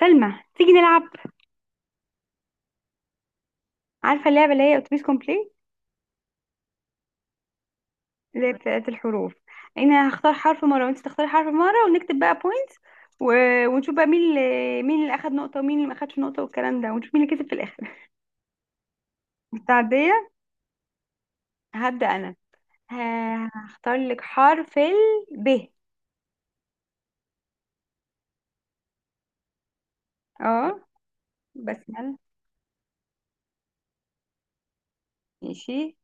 سلمى، تيجي نلعب. عارفة اللعبة اللي هي اتوبيس كومبليت، اللي هي بتاعت الحروف؟ انا هختار حرف مرة وانت تختاري حرف مرة، ونكتب بقى بوينتس، و... ونشوف بقى مين اللي اخد نقطة ومين اللي ما اخدش نقطة والكلام ده، ونشوف مين اللي كسب في الاخر. مستعدية؟ هبدأ انا. هختار لك حرف ال ب. اه، بسمل. ماشي.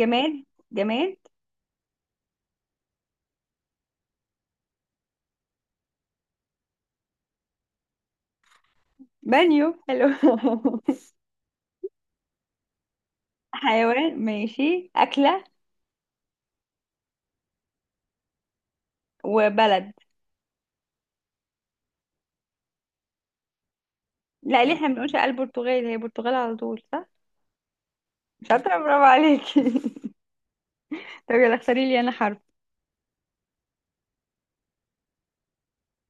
جماد. جماد. بانيو، حلو. حيوان، ماشي، أكلة وبلد. لا، ليه؟ احنا ما بنقولش البرتغال، هي برتغال على طول، صح؟ شاطرة، برافو عليكي. طب يلا اختاري لي انا حرف.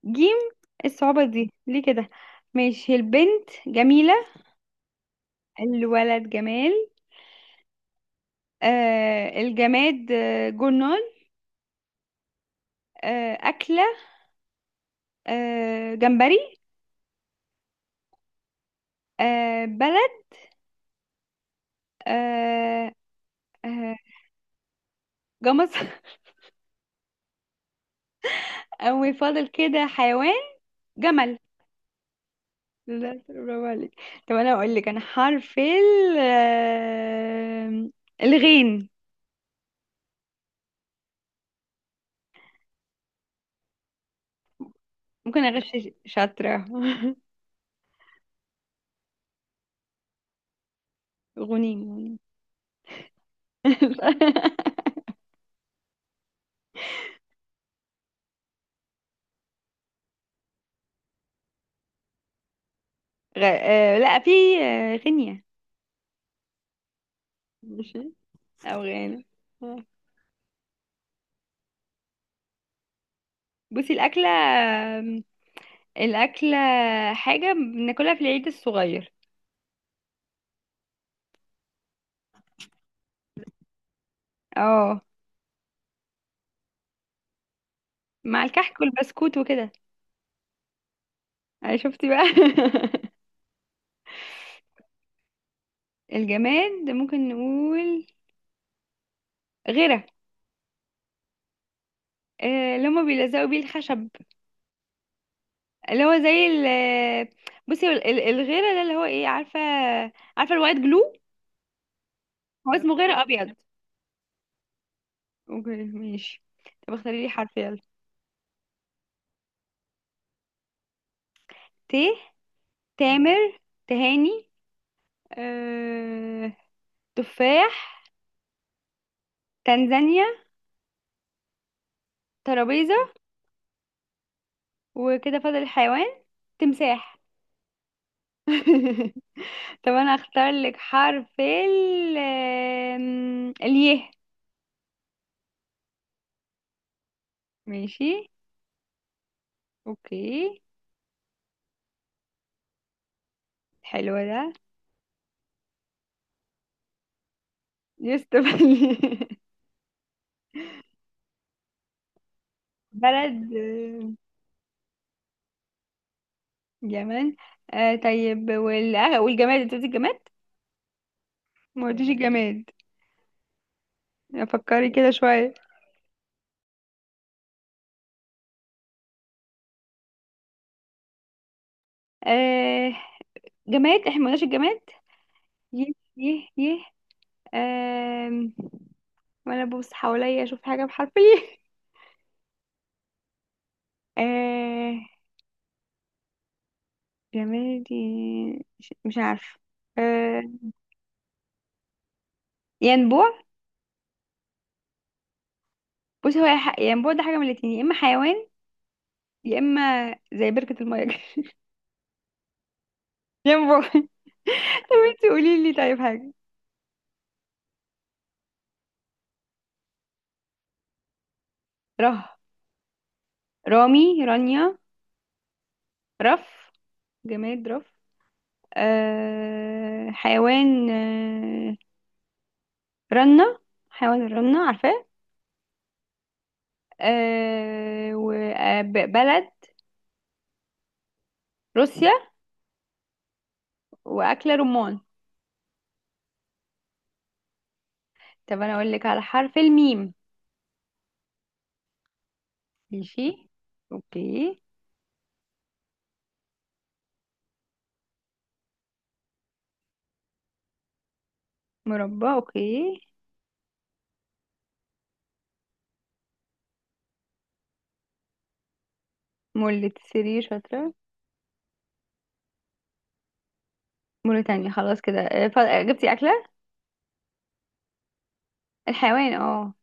جيم؟ إيه الصعوبة دي ليه كده؟ ماشي، البنت جميلة، الولد جمال. الجماد، جرنال. أكلة، جمبري. بلد. آه آه جمص. وفاضل كده حيوان، جمل. لا، برافو عليك. طب انا اقول لك انا حرف ال الغين. ممكن اغش؟ شاطرة. غنيم. غ... آه لا، في غينيا. ماشي، او غانا. آه. بصي الاكله، آم، الاكله حاجه بناكلها في العيد الصغير. اه، مع الكحك والبسكوت وكده. انا شفتي بقى. الجماد ممكن نقول غيره، اللي هما بيلزقوا بيه الخشب. اللي هو زي بصي الغيره ده، اللي هو ايه، عارفه؟ عارفه الوايت جلو؟ هو اسمه غيره ابيض. اوكي ماشي. طب اختاري لي حرف يلا. ت. تامر، تهاني. آه... تفاح، تنزانيا، ترابيزة. وكده فاضل الحيوان، تمساح. طب انا اختار لك حرف ال الياء. ماشي. اوكي. حلو ده. يوسف. بلد، جمال. طيب والجماد، انت قلتي الجماد؟ ما قلتيش الجماد. فكري كده شوية. آه جماد، احنا ما قلناش الجماد. يه يه يه. آم، وانا ببص حواليا اشوف حاجة بحرف الايه. آه جمال دي. مش عارفة. آه ينبوع. بص، هو يا ينبوع ده حاجة من الاتنين، يا اما حيوان، يا اما زي بركة المية كده. ينبوع. انت قولي لي طيب حاجة. ره. رامي، رانيا. رف. جماد، رف. حيوان، رنة. حيوان الرنة، عارفاه؟ وبلد روسيا. وأكلة رمان. طب انا اقول لك على حرف الميم. ماشي. اوكي. مربع، اوكي. مولة سرير، شاطرة. موريتانيا، خلاص كده. جبتي أكلة. الحيوان، اه.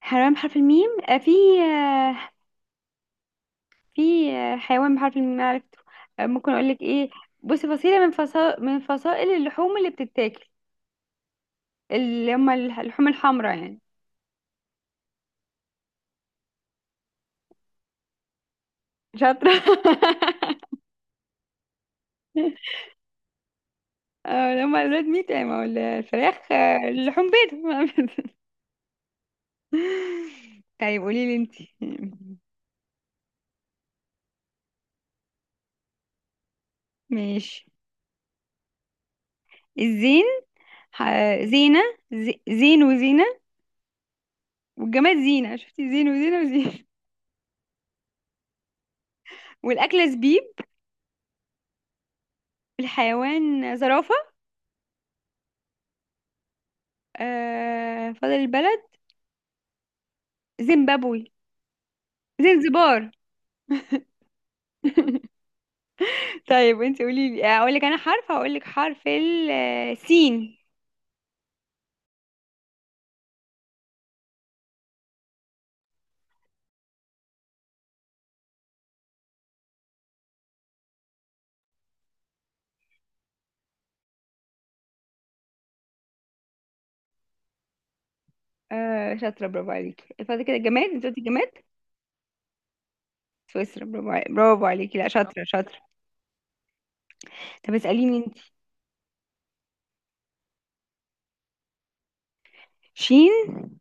حيوان بحرف الميم، آه، في حيوان بحرف الميم عرفته. ممكن اقول لك ايه؟ بصي، فصيلة من فصائل اللحوم اللي بتتاكل، اللي هم اللحوم الحمراء يعني. شاطرة. اه، اللي هم الريد ميت يعني، ما هو الفراخ اللحوم بيض. طيب قولي لي انت. ماشي. الزين. زينة. زين وزينة. والجماد زينة، شفتي؟ زين وزينة وزينة. والأكلة زبيب. الحيوان زرافة. فاضل البلد، زيمبابوي. زنزبار. طيب انت قولي لي اقول لك انا حرف. هقول لك حرف السين. شاطرة، برافو عليكي، فاضل كده الجماد، انت قلتي جماد؟ سويسرا، برافو عليكي، برافو عليكي، لا شاطرة شاطرة. طب اسأليني انت. شين؟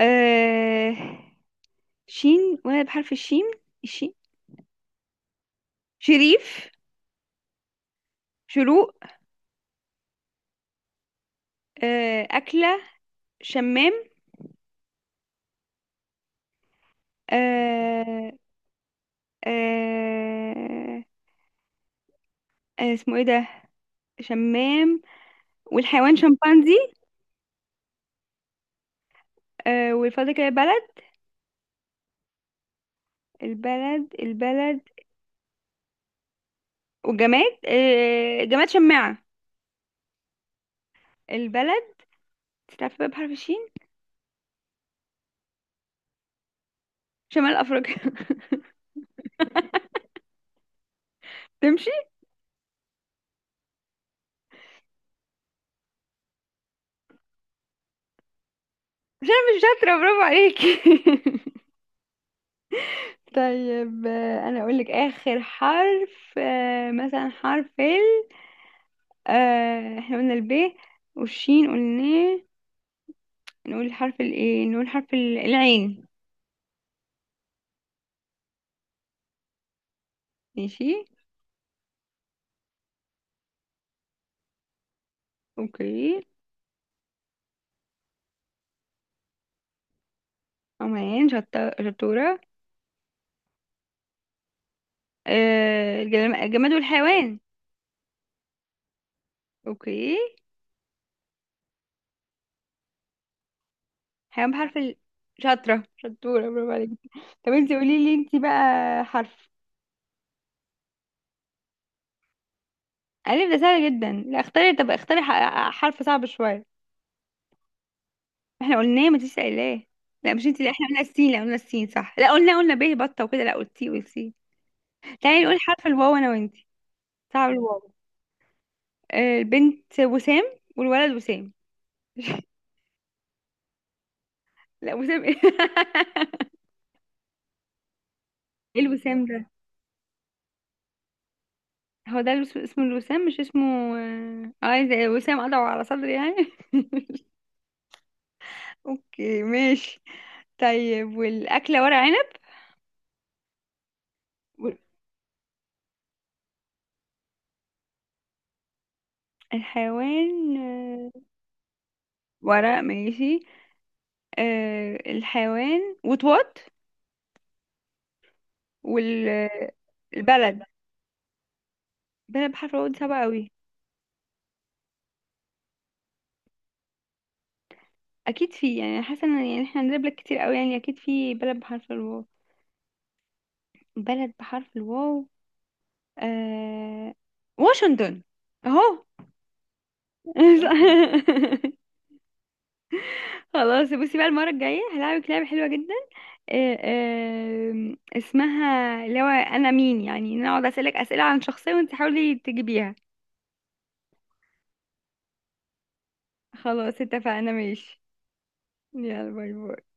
آه شين، وانا بحرف الشين؟ الشين. شريف. شروق. أكلة، شمام. آه آه اسمه ايه ده؟ شمام. والحيوان شمبانزي. والفاضل كده بلد. البلد. وجماد، آه جماد شماعة. البلد، تعرف بقى بحرف الشين؟ شمال أفريقيا. تمشي؟ عشان أنا مش شاطرة، برافو عليكي. طيب أنا أقولك آخر حرف، مثلا حرف ال احنا قلنا الب، والشين قلناه. نقول حرف الايه، نقول حرف العين. ماشي. اوكي. عمان، شطة، شطورة. الجماد والحيوان. اوكي. حيوان بحرف ال. شاطرة شطورة، برافو عليك. طب انتي قولي لي، انتي بقى حرف. ألف ده سهل جدا، لا اختاري، طب اختاري حرف صعب شوية. احنا قلناه، ما تنسيش قايلاه. لا مش انتي، لا احنا قلنا السين، لا قلنا السين صح، لا قلنا قلنا ب بطة وكده، لا قلتي قلتي. تعالي نقول حرف الواو انا وانتي. صعب الواو. البنت وسام، والولد وسام. لا، وسام ايه؟ ايه الوسام ده؟ هو ده اسمه الوسام، مش اسمه. اه، زي وسام قطعه على صدري يعني. اوكي ماشي. طيب والاكله ورق عنب. وال- الحيوان، ورق ماشي. الحيوان وطواط. والبلد بلد بحرف الواو دي صعبة قوي. اكيد في، يعني حاسه ان، يعني احنا هنجيب لك كتير قوي، يعني اكيد في بلد بحرف الواو. بلد بحرف الواو. آه... واشنطن، اهو. خلاص بصي بقى، المرة الجاية هلعبك لعبة حلوة جدا، اسمها اللي هو انا مين، يعني نقعد اسألك اسئلة عن شخصية وانت تحاولي تجيبيها. خلاص اتفقنا، ماشي. يلا باي باي.